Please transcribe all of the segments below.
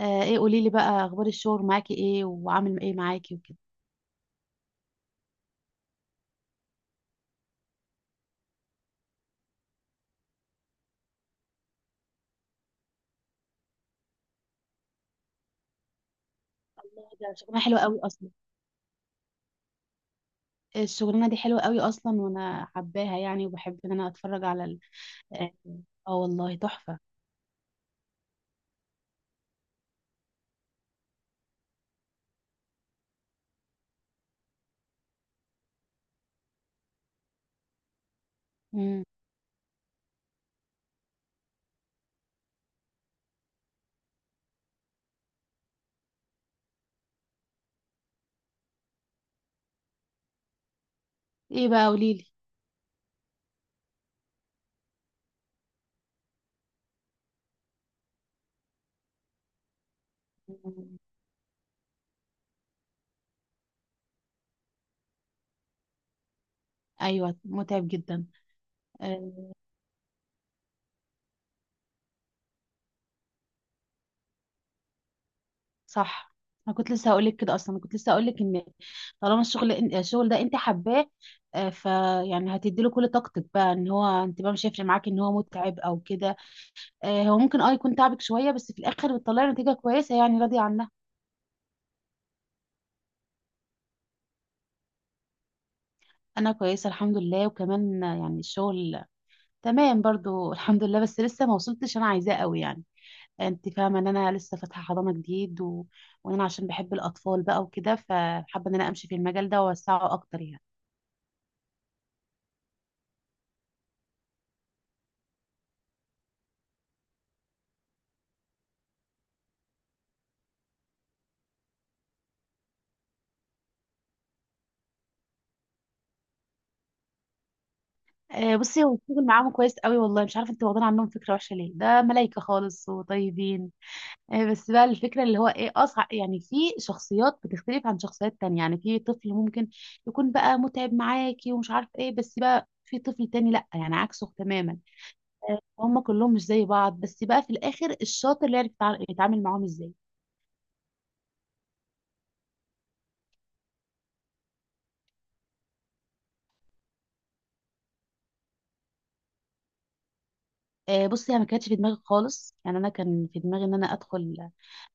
آه، ايه؟ قولي لي بقى، اخبار الشغل معاكي ايه وعامل ايه معاكي وكده. الله، ده شغلانة حلوة قوي أصلا. الشغلانه دي حلوه قوي اصلا، وانا حباها يعني، وبحب ان انا اتفرج على ال... اه آه، والله تحفه. مم. ايه بقى؟ قولي لي. مم. ايوه، متعب جدا. آه صح. انا كنت لسه هقول لك كده اصلا، انا كنت لسه هقول لك ان طالما الشغل ده انت حباه، آه فيعني هتدي له كل طاقتك بقى. ان هو انت بقى مش هيفرق معاكي ان هو متعب او كده. هو ممكن اه يكون تعبك شوية، بس في الآخر بتطلعي نتيجة كويسة يعني، راضية عنها. أنا كويسة الحمد لله، وكمان يعني الشغل تمام برضو، الحمد لله، بس لسه ما وصلتش أنا عايزاه قوي يعني. أنت فاهمة إن أنا لسه فاتحة حضانة جديد وإن أنا عشان بحب الأطفال بقى وكده، فحابة إن أنا أمشي في المجال ده وأوسعه أكتر يعني. بصي، هو الشغل معاهم كويس قوي والله. مش عارفة أنت واخدين عنهم فكرة وحشة ليه، ده ملايكة خالص وطيبين. بس بقى الفكرة اللي هو ايه اصعب، يعني في شخصيات بتختلف عن شخصيات تانية. يعني في طفل ممكن يكون بقى متعب معاكي ومش عارف ايه، بس بقى في طفل تاني لا، يعني عكسه تماما. هم كلهم مش زي بعض، بس بقى في الاخر الشاطر اللي يعرف يتعامل معاهم ازاي. بصي، انا ما كانتش في دماغي خالص، يعني انا كان في دماغي ان انا ادخل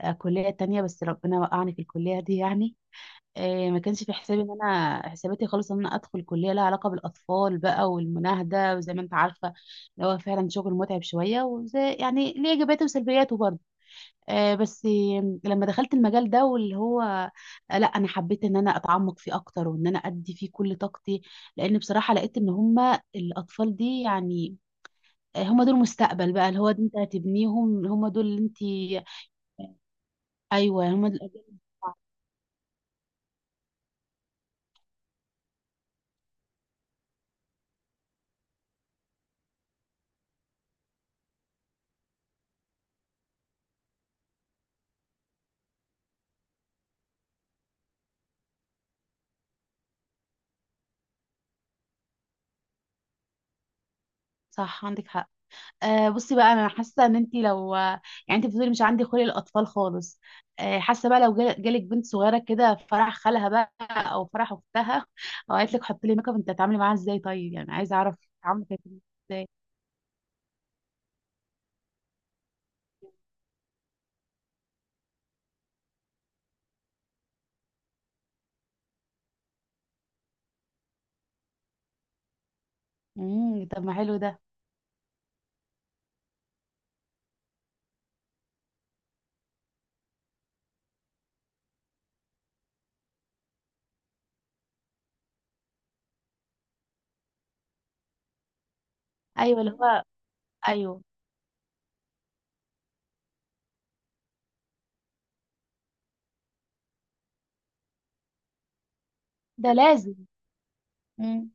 كلية تانية، بس ربنا وقعني في الكلية دي يعني. ما كانش في حسابي ان انا، حساباتي خالص ان انا ادخل كليه لها علاقه بالاطفال بقى والمناهده، وزي ما انت عارفه اللي هو فعلا شغل متعب شويه، وزي يعني ليه ايجابياته وسلبياته برضه. آه بس لما دخلت المجال ده واللي هو، لا انا حبيت ان انا اتعمق فيه اكتر، وان انا ادي فيه كل طاقتي. لان بصراحه لقيت ان هما الاطفال دي يعني، هما دول مستقبل بقى. اللي هو انت هتبنيهم، هما دول اللي انت. ايوه هما دول. صح، عندك حق. آه بصي بقى، انا حاسه ان انت لو يعني، انت بتقولي مش عندي خلق الاطفال خالص، آه حاسه بقى لو جالك بنت صغيره كده في فرح خالها بقى، او فرح اختها، او قالت لك حطي لي ميك اب، انت هتتعاملي معاها ازاي؟ طيب يعني عايزه اعرف تعاملك هيكون ازاي. امم، طب ما حلو ده. ايوه اللي هو. ايوه. ده لازم. إمم.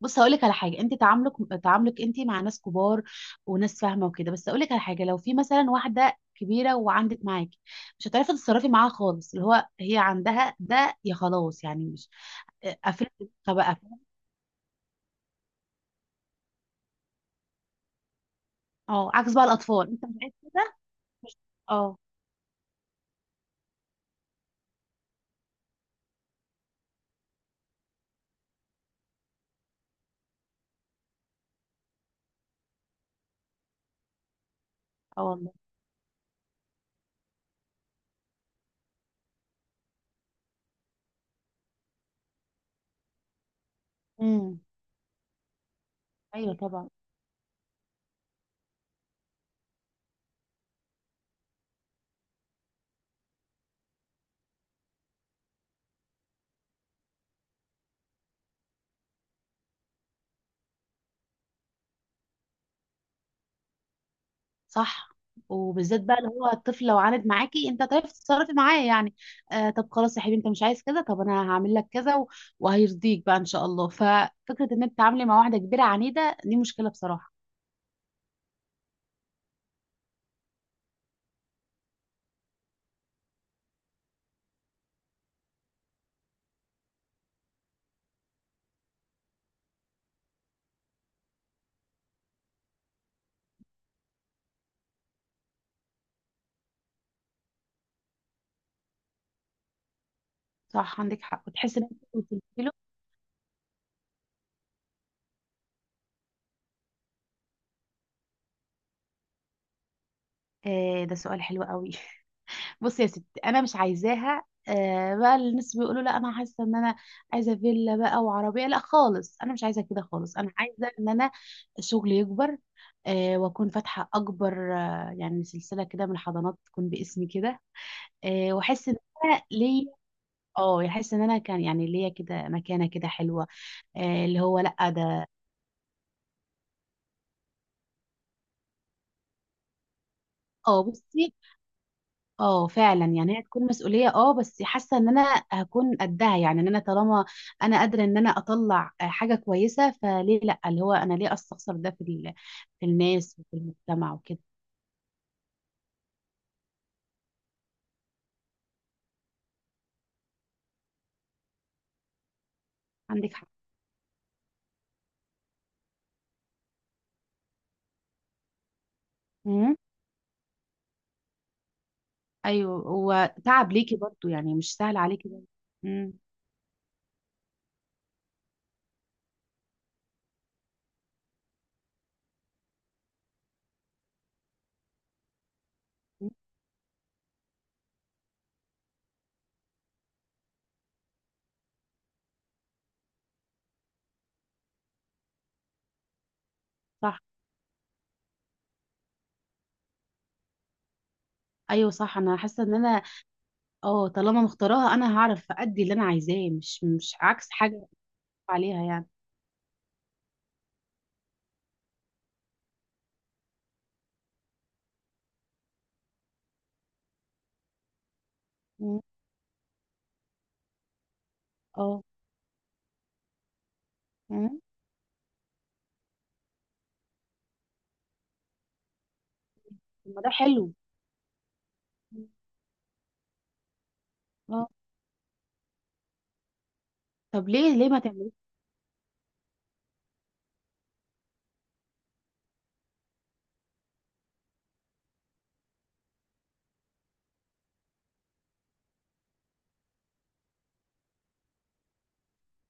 بص، هقول لك على حاجه. انت تعاملك انت مع ناس كبار وناس فاهمه وكده، بس هقول لك على حاجه، لو في مثلا واحده كبيره وعندك معاكي، مش هتعرفي تتصرفي معاها خالص. اللي هو هي عندها ده، يا خلاص يعني، مش قفلت دماغها بقى، فاهم؟ اه عكس بقى الاطفال، انت مش عايز كده. مش. اه. اه والله. امم. ايوه طبعا. صح. وبالذات بقى اللي هو الطفل لو عاند معاكي، انت تعرفي تتصرفي معاه يعني. آه، طب خلاص يا حبيبي، انت مش عايز كذا، طب انا هعمل لك كذا و- وهيرضيك بقى ان شاء الله. ففكره ان انت تتعاملي مع واحده كبيره عنيده دي مشكله بصراحه. صح، عندك حق. وتحسي ان انت قلت له. آه، ده سؤال حلو قوي. بصي يا ستي، انا مش عايزاها آه بقى الناس بيقولوا لا، انا حاسه ان انا عايزه فيلا بقى وعربيه، لا خالص، انا مش عايزه كده خالص. انا عايزه ان انا شغلي يكبر، آه واكون فاتحه اكبر آه يعني سلسله كده من الحضانات تكون باسمي كده. آه واحس ان انا ليا، اه احس ان انا كان يعني ليا كده مكانه كده حلوه. آه اللي هو لا ده. اه بصي، اه فعلا يعني هي تكون مسؤوليه اه، بس حاسه ان انا هكون قدها، يعني ان انا طالما انا قادره ان انا اطلع حاجه كويسه، فليه لا؟ اللي هو انا ليه استخسر ده في في الناس وفي المجتمع وكده. عندك حق. امم. ايوه هو تعب ليكي برضو، يعني مش سهل عليكي برضو. امم. صح. ايوه صح. انا حاسه ان انا اه طالما مختاراها، انا هعرف ادي اللي انا عايزاه، مش مش عكس حاجه عليها يعني. مم. اه. مم. طب ما ده حلو. مم. اه. طب ليه؟ ليه ما تعمليش؟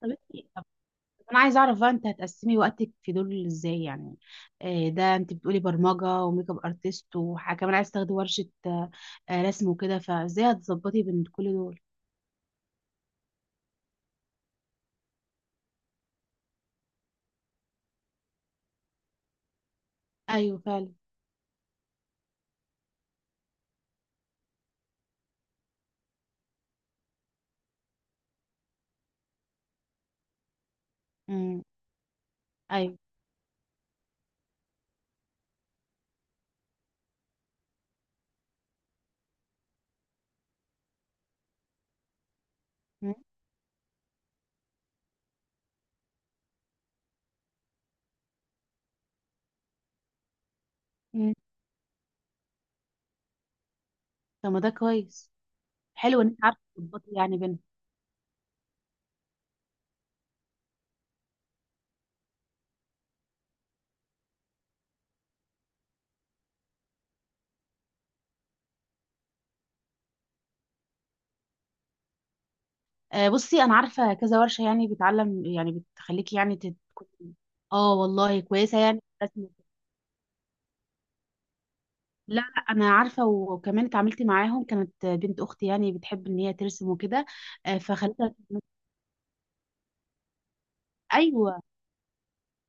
طب انا عايزه اعرف بقى، انت هتقسمي وقتك في دول ازاي؟ يعني ده انت بتقولي برمجه وميك اب ارتست، وحاجه كمان عايز تاخدي ورشه رسم وكده، فازاي هتظبطي بين كل دول؟ ايوه فعلا. امم. ايوه. مم. مم. طب ما ده كويس. حلو ان انت عارفه تظبطي يعني بينهم. بصي انا عارفه كذا ورشه، يعني بتعلم، يعني بتخليكي يعني اه والله كويسه يعني في الرسم. لا لا، انا عارفه، وكمان اتعاملت معاهم، كانت بنت اختي يعني بتحب ان هي ترسم وكده، فخلتها. ايوه،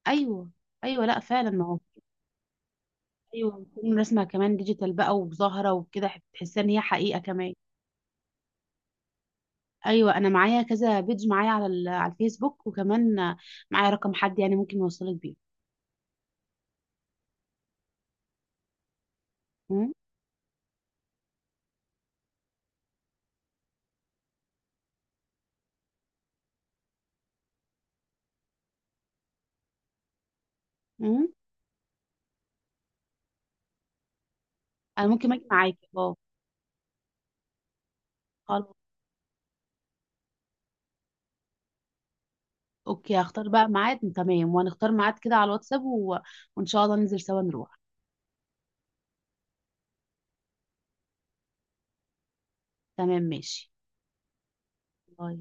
ايوه، ايوه، لا فعلا ما هو. ايوه بتكون رسمه كمان ديجيتال بقى وظاهره وكده، تحسها ان هي حقيقه كمان. ايوه انا معايا كذا بيج معايا على على الفيسبوك، وكمان معايا رقم حد يعني ممكن يوصلك بيه. مم؟ مم؟ انا ممكن اجي معاكي اه. خلاص. اوكي، هختار بقى ميعاد تمام، وهنختار ميعاد كده على الواتساب وان شاء الله ننزل سوا نروح. تمام ماشي. باي.